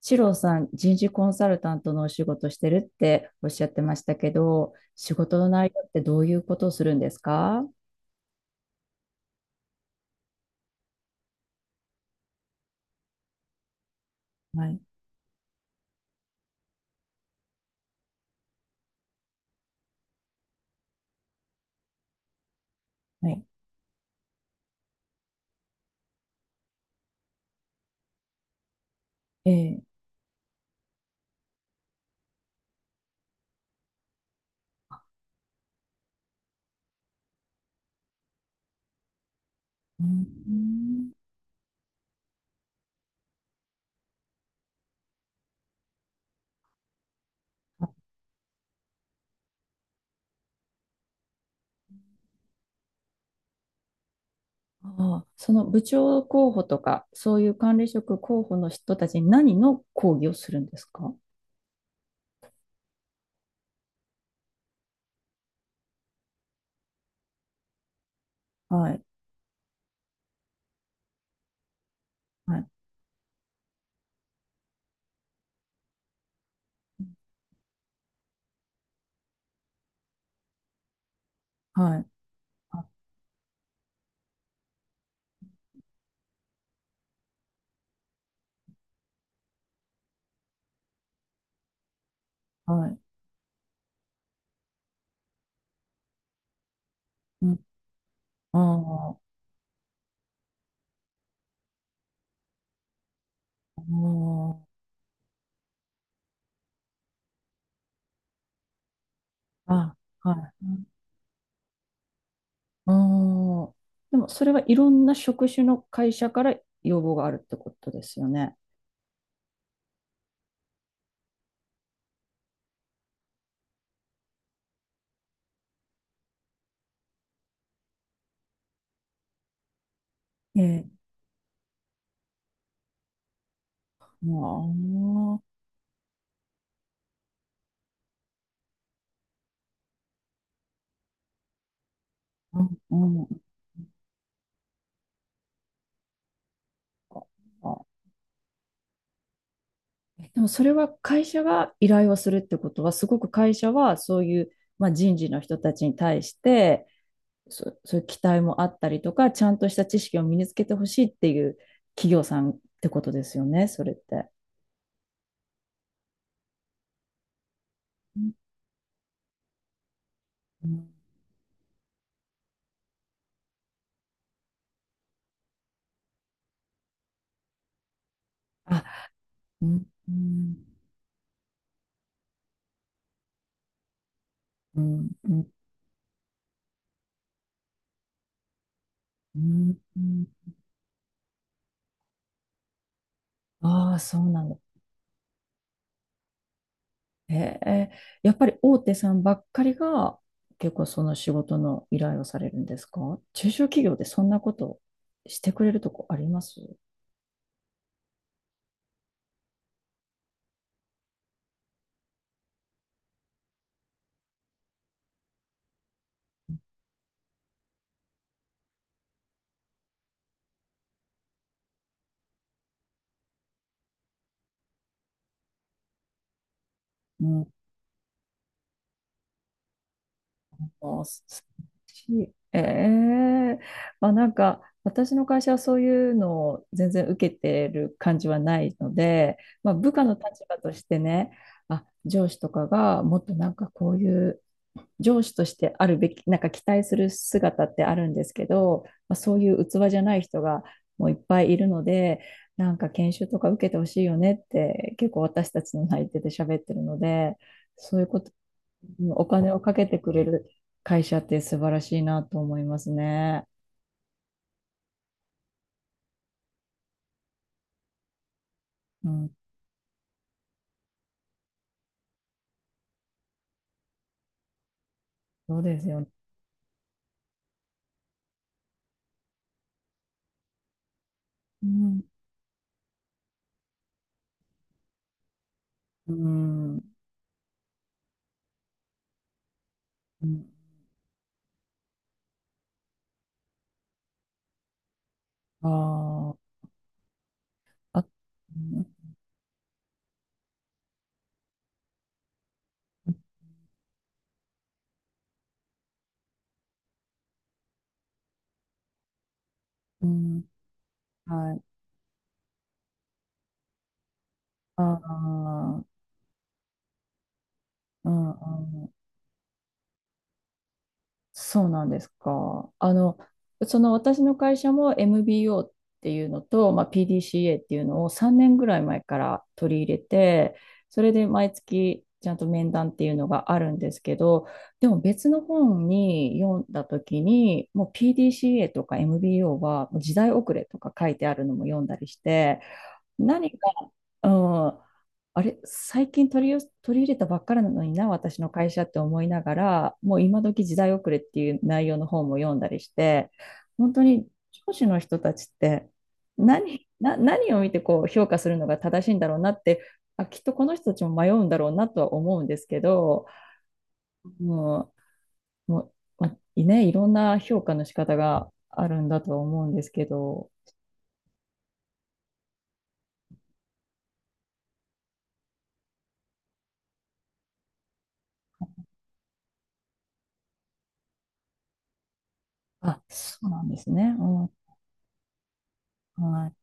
シローさん、人事コンサルタントのお仕事してるっておっしゃってましたけど、仕事の内容ってどういうことをするんですか？はい。はい。ええ。うん。ああ。その部長候補とか、そういう管理職候補の人たちに何の講義をするんですか？はい。はい。はい。あ、はい。うん。ああ。ああ。はい。うん。ああ。でも、それはいろんな職種の会社から要望があるってことですよね。ええ。もう。あー、うん。うん。あ。でもそれは会社が依頼をするってことは、すごく会社はそういう、まあ、人事の人たちに対して、そういう期待もあったりとか、ちゃんとした知識を身につけてほしいっていう企業さんってことですよね、それって。うん。うん。あ、うん。うん。うん。うん。うん。ああ、そうなんだ。へえ。やっぱり大手さんばっかりが結構その仕事の依頼をされるんですか？中小企業でそんなことしてくれるとこあります？うん。あ、素晴らしい。ええ。まあなんか私の会社はそういうのを全然受けてる感じはないので、まあ、部下の立場としてね、あ、上司とかがもっとなんかこういう上司としてあるべき、なんか期待する姿ってあるんですけど、まあ、そういう器じゃない人がもういっぱいいるので、なんか研修とか受けてほしいよねって結構私たちの内定で喋ってるので、そういうこと、お金をかけてくれる会社って素晴らしいなと思いますね。うん。そうですよね。うん。うん。あー。あ、うん。うん。はい。あー。うん。うん。そうなんですか。あの、その私の会社も MBO っていうのと、まあ、PDCA っていうのを3年ぐらい前から取り入れて、それで毎月ちゃんと面談っていうのがあるんですけど、でも別の本に読んだ時に、もう PDCA とか MBO はもう時代遅れとか書いてあるのも読んだりして、何か、うん、あれ、最近取り入れたばっかりなのにな、私の会社って思いながら、もう今時時代遅れっていう内容の本も読んだりして、本当に上司の人たちって何を見てこう評価するのが正しいんだろうなって、あ、きっとこの人たちも迷うんだろうなとは思うんですけど、ももう、まあね、いろんな評価の仕方があるんだとは思うんですけど、あ、そうなんですね。うん。はい。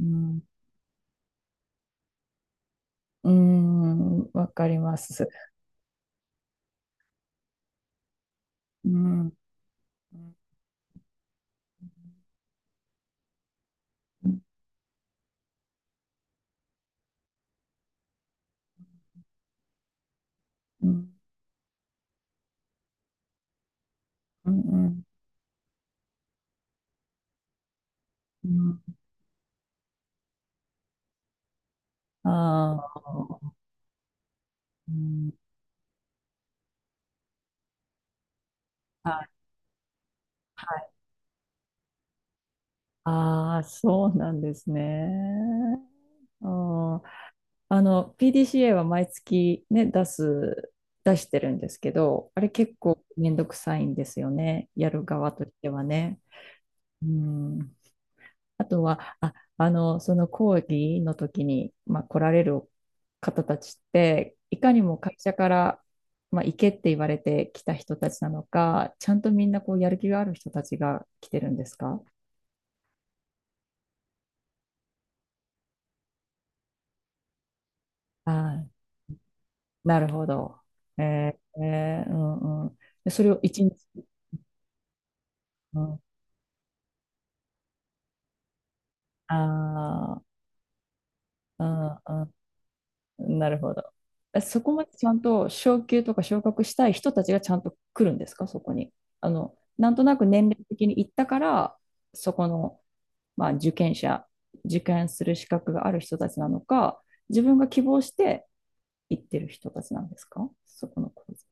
うん。うーん、わかります。うん。うん。うん。うん。うん。ああ、うん。はい。はい。ああ、そうなんですね。あー。あの、PDCA は毎月ね、出してるんですけど、あれ結構めんどくさいんですよね。やる側としてはね。うん。あとは、あ、あの、その講義の時に、まあ、来られる方たちって、いかにも会社から、まあ、行けって言われてきた人たちなのか、ちゃんとみんなこうやる気がある人たちが来てるんですか？ああ、なるほど。うん。うん。でそれを一日、うん、ああ、うん、なるほど。そこまでちゃんと昇級とか昇格したい人たちがちゃんと来るんですか、そこに。あの、なんとなく年齢的に行ったから、そこの、まあ、受験する資格がある人たちなのか、自分が希望して行ってる人たちなんですか、そこの講座。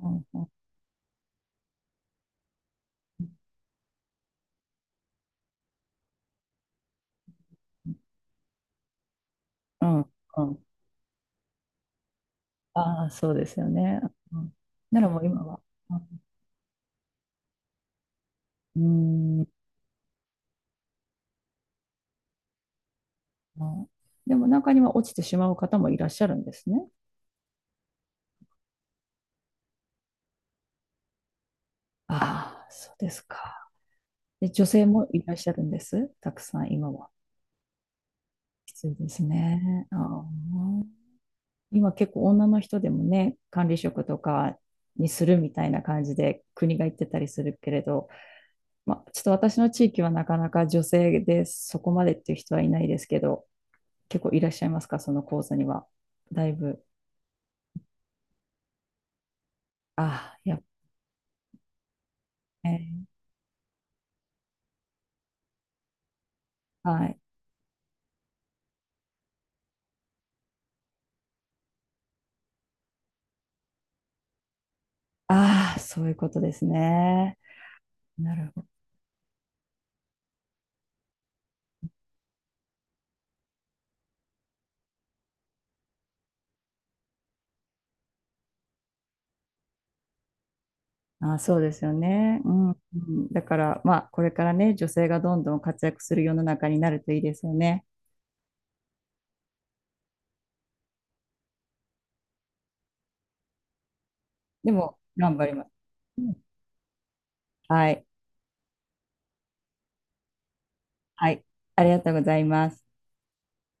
うん。うん。うん。うん。ああ、そうですよね。うん。ならもう今は。うん。うん。でも中には落ちてしまう方もいらっしゃるんですね。ああ、そうですか。で、女性もいらっしゃるんです。たくさん今は。きついですね。ああ、今結構女の人でもね、管理職とかにするみたいな感じで国が言ってたりするけれど、まあ、ちょっと私の地域はなかなか女性でそこまでっていう人はいないですけど、結構いらっしゃいますか、その講座には。だいぶ。ああ、やっぱね。はい。ああ、そういうことですね。なるほど。あ、そうですよね。うん。うん。だから、まあ、これからね、女性がどんどん活躍する世の中になるといいですよね。でも、頑張ります。うん。はい。はい。ありがとうございます。